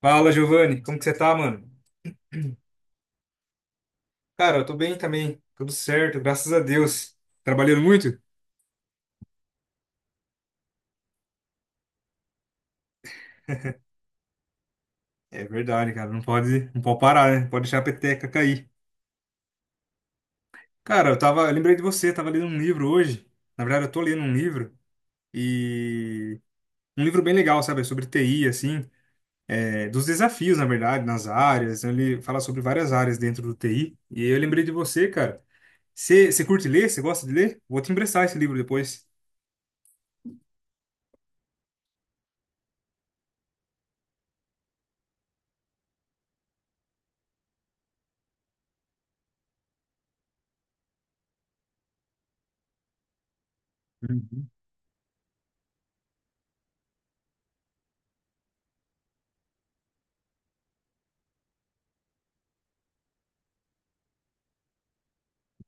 Fala, Giovanni, como que você tá, mano? Cara, eu tô bem também, tudo certo, graças a Deus. Trabalhando muito? É verdade, cara, não pode parar, né? Não pode deixar a peteca cair. Cara, eu lembrei de você, tava lendo um livro hoje. Na verdade, eu tô lendo um livro e um livro bem legal, sabe? Sobre TI, assim, é, dos desafios, na verdade, nas áreas. Então, ele fala sobre várias áreas dentro do TI. E eu lembrei de você, cara. Você curte ler? Você gosta de ler? Vou te emprestar esse livro depois. Uhum.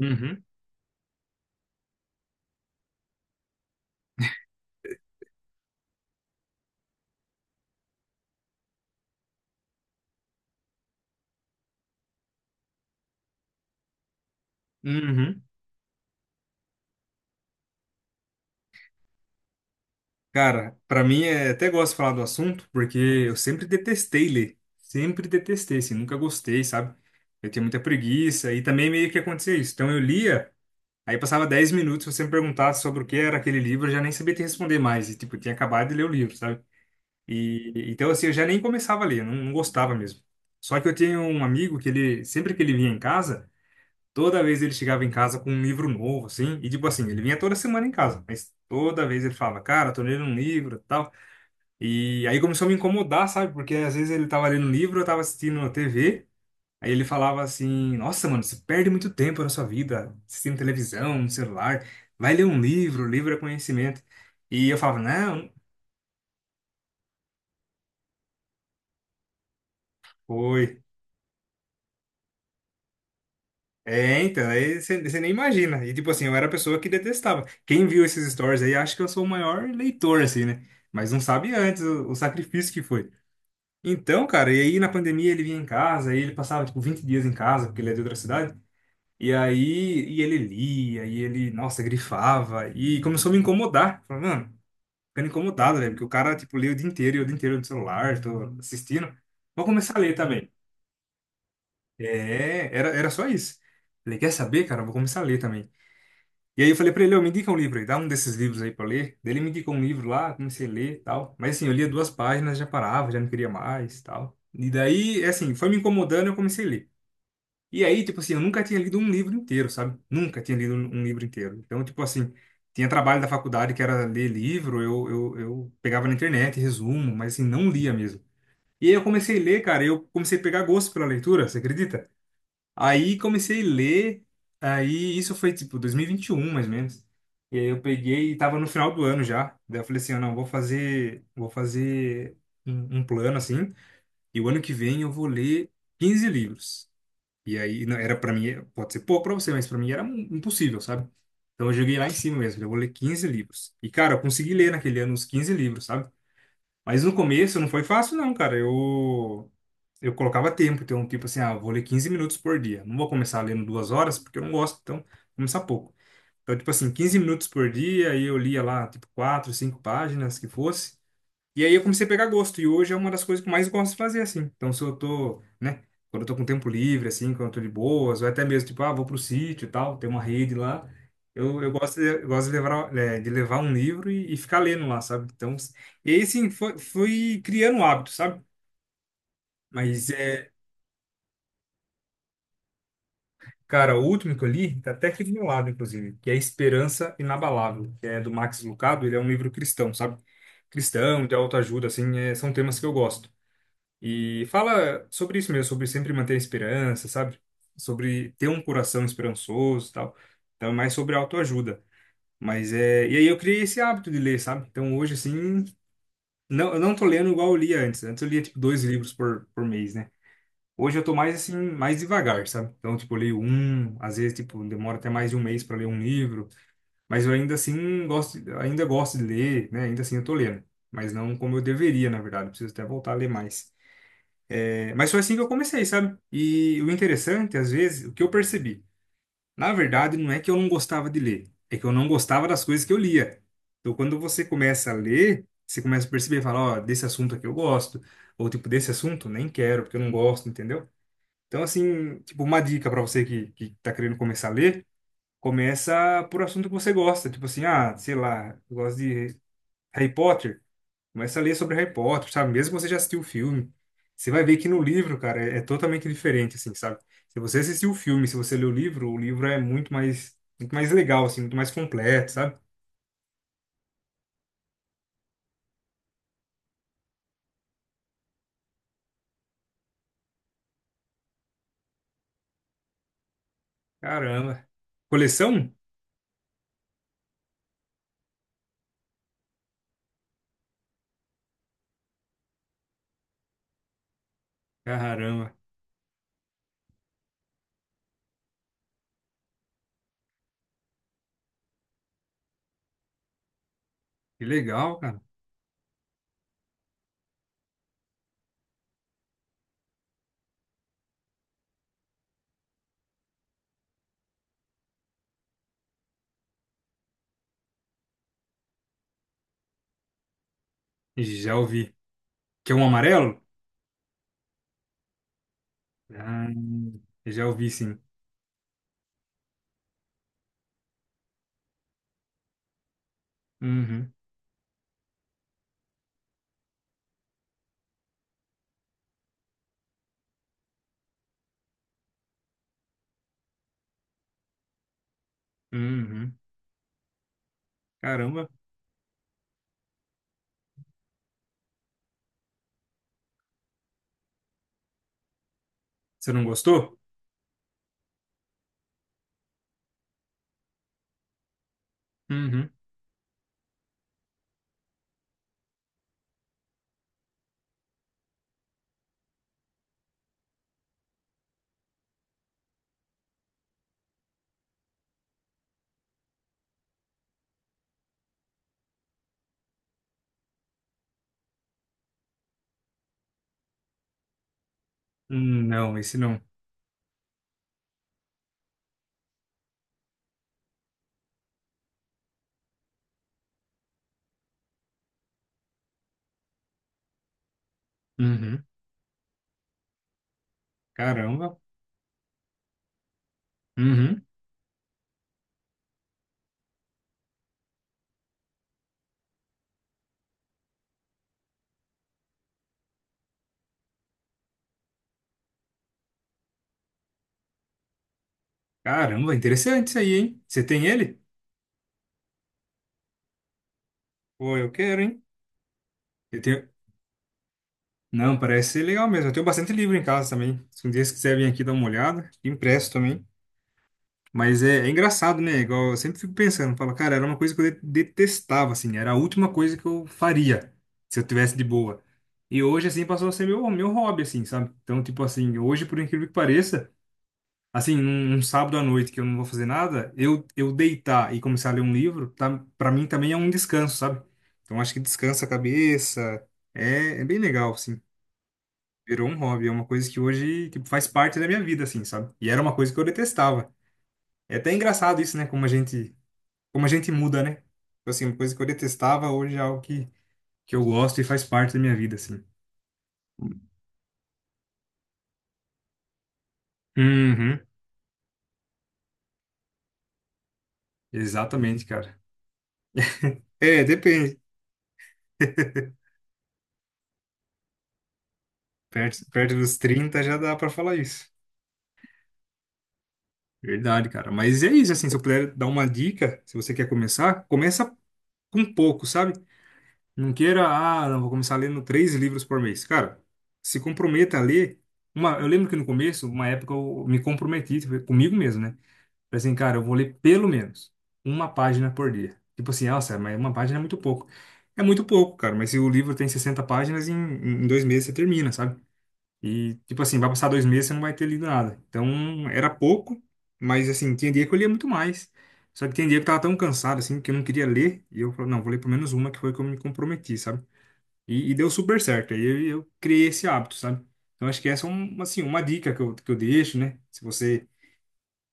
Uhum. Uhum. Cara, pra mim é até gosto de falar do assunto, porque eu sempre detestei ler. Sempre detestei, assim, nunca gostei, sabe? Eu tinha muita preguiça e também meio que acontecia isso. Então eu lia, aí passava dez minutos, se você me perguntasse sobre o que era aquele livro, eu já nem sabia te responder mais. E tipo, eu tinha acabado de ler o livro, sabe? E então assim, eu já nem começava a ler, não, não gostava mesmo. Só que eu tinha um amigo que ele sempre que ele vinha em casa, toda vez ele chegava em casa com um livro novo, assim, e tipo assim, ele vinha toda semana em casa, mas toda vez ele falava, cara, tô lendo um livro, e tal. E aí começou a me incomodar, sabe? Porque às vezes ele tava lendo um livro, eu tava assistindo na TV, aí ele falava assim: "Nossa, mano, você perde muito tempo na sua vida assistindo televisão, no celular. Vai ler um livro, livro é conhecimento". E eu falava: "Não, não foi". É, então, aí você nem imagina. E tipo assim, eu era a pessoa que detestava. Quem viu esses stories aí acha que eu sou o maior leitor, assim, né? Mas não sabe antes o sacrifício que foi. Então, cara, e aí na pandemia ele vinha em casa, aí ele passava tipo 20 dias em casa, porque ele é de outra cidade. E aí e ele lia, e ele, nossa, grifava, e começou a me incomodar. Falei, mano, ficando incomodado, né? Porque o cara, tipo, lê o dia inteiro, e o dia inteiro no celular, tô assistindo. Vou começar a ler também. É, era só isso. Falei, quer saber, cara? Eu vou começar a ler também. E aí eu falei pra ele, eu me indica um livro aí, dá um desses livros aí pra eu ler. Daí ele me indicou um livro lá, comecei a ler e tal. Mas assim, eu lia duas páginas, já parava, já não queria mais e tal. E daí, é assim, foi me incomodando, eu comecei a ler. E aí, tipo assim, eu nunca tinha lido um livro inteiro, sabe? Nunca tinha lido um livro inteiro. Então, tipo assim, tinha trabalho da faculdade que era ler livro, eu pegava na internet, resumo, mas assim, não lia mesmo. E aí eu comecei a ler, cara, e eu comecei a pegar gosto pela leitura, você acredita? Aí comecei a ler, aí isso foi tipo 2021, mais ou menos. E aí eu peguei e tava no final do ano já. Daí eu falei assim, ah, não, vou fazer um plano assim, e o ano que vem eu vou ler 15 livros. E aí não, era para mim, pode ser pouco para você, mas para mim era impossível, sabe? Então eu joguei lá em cima mesmo, eu vou ler 15 livros. E cara, eu consegui ler naquele ano os 15 livros, sabe? Mas no começo não foi fácil não, cara. Eu colocava tempo, então, tipo assim, ah, eu vou ler 15 minutos por dia. Não vou começar lendo duas horas, porque eu não gosto, então, vou começar pouco. Então, tipo assim, 15 minutos por dia, aí eu lia lá, tipo, quatro, cinco páginas, que fosse. E aí eu comecei a pegar gosto, e hoje é uma das coisas que eu mais gosto de fazer, assim. Então, se eu tô, né, quando eu tô com tempo livre, assim, quando eu tô de boas, ou até mesmo, tipo, ah, vou pro sítio e tal, tem uma rede lá. Eu gosto de levar, de levar um livro e ficar lendo lá, sabe? Então, e aí, assim, fui criando um hábito, sabe? Mas é. Cara, o último que eu li, tá até aqui do meu lado, inclusive, que é Esperança Inabalável, que é do Max Lucado, ele é um livro cristão, sabe? Cristão, de autoajuda, assim, são temas que eu gosto. E fala sobre isso mesmo, sobre sempre manter a esperança, sabe? Sobre ter um coração esperançoso e tal. Então, é mais sobre autoajuda. Mas é. E aí eu criei esse hábito de ler, sabe? Então, hoje, assim, não, eu não tô lendo igual eu lia antes. Antes eu lia, tipo, dois livros por mês, né? Hoje eu tô mais assim, mais devagar, sabe? Então, tipo, eu leio um, às vezes, tipo, demora até mais de um mês para ler um livro, mas eu ainda assim gosto, ainda gosto de ler, né? Ainda assim eu tô lendo, mas não como eu deveria, na verdade. Eu preciso até voltar a ler mais. É, mas foi assim que eu comecei, sabe? E o interessante, às vezes, o que eu percebi, na verdade, não é que eu não gostava de ler, é que eu não gostava das coisas que eu lia. Então, quando você começa a ler, você começa a perceber, fala, ó, desse assunto aqui eu gosto, ou tipo, desse assunto nem quero, porque eu não gosto, entendeu? Então, assim, tipo, uma dica para você que tá querendo começar a ler, começa por assunto que você gosta. Tipo assim, ah, sei lá, eu gosto de Harry Potter. Começa a ler sobre Harry Potter, sabe? Mesmo que você já assistiu o filme, você vai ver que no livro, cara, é totalmente diferente, assim, sabe? Se você assistiu o filme, se você leu o livro é muito mais legal, assim, muito mais completo, sabe? Caramba. Coleção? Caramba. Que legal, cara. Já ouvi. Que é um amarelo? Ah, já ouvi, sim. Uhum, uhum. Caramba, você não gostou? Uhum. Não, esse não. Uhum. Caramba. Uhum. Caramba, interessante isso aí, hein? Você tem ele? Pô, eu quero, hein? Eu tenho... Não, parece ser legal mesmo. Eu tenho bastante livro em casa também. Se um dia você quiser vir aqui dar uma olhada, impresso também. Mas é, é engraçado, né? Igual eu sempre fico pensando, falo, cara, era uma coisa que eu detestava, assim, era a última coisa que eu faria se eu tivesse de boa. E hoje, assim, passou a ser meu hobby, assim, sabe? Então, tipo assim, hoje, por incrível que pareça. Assim, num sábado à noite que eu não vou fazer nada, eu deitar e começar a ler um livro, tá, para mim também é um descanso, sabe? Então acho que descansa a cabeça, é bem legal, assim. Virou um hobby, é uma coisa que hoje, tipo, faz parte da minha vida, assim, sabe? E era uma coisa que eu detestava. É até engraçado isso, né? Como a gente muda, né? Tipo assim, uma coisa que eu detestava hoje é algo que eu gosto e faz parte da minha vida, assim. Uhum, exatamente, cara. É, depende. Perto dos 30 já dá pra falar isso. Verdade, cara. Mas é isso, assim, se eu puder dar uma dica, se você quer começar, começa com pouco, sabe? Não queira, ah, não, vou começar lendo três livros por mês. Cara, se comprometa a ler. Uma, eu lembro que no começo, uma época, eu me comprometi tipo, comigo mesmo, né? Falei assim, cara, eu vou ler pelo menos uma página por dia. Tipo assim, nossa, mas uma página é muito pouco. É muito pouco, cara, mas se o livro tem 60 páginas, em dois meses você termina, sabe? E, tipo assim, vai passar dois meses e você não vai ter lido nada. Então, era pouco, mas, assim, tinha dia que eu lia muito mais. Só que tinha dia que eu tava tão cansado, assim, que eu não queria ler. E eu falei, não, vou ler pelo menos uma, que foi que eu me comprometi, sabe? E deu super certo. Aí eu criei esse hábito, sabe? Então, acho que essa é, assim, uma dica que eu deixo, né? Se você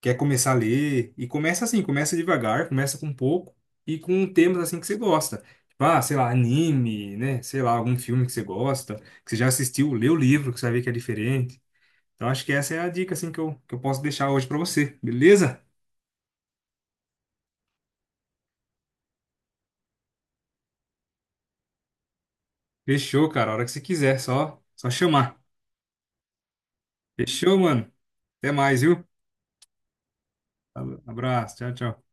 quer começar a ler, e começa assim, começa devagar, começa com pouco e com temas, assim, que você gosta. Tipo, ah, sei lá, anime, né? Sei lá, algum filme que você gosta, que você já assistiu, lê o livro, que você vai ver que é diferente. Então acho que essa é a dica assim que eu posso deixar hoje pra você, beleza? Fechou, cara. A hora que você quiser, só chamar. Fechou, mano. Até mais, viu? Falou. Abraço. Tchau, tchau.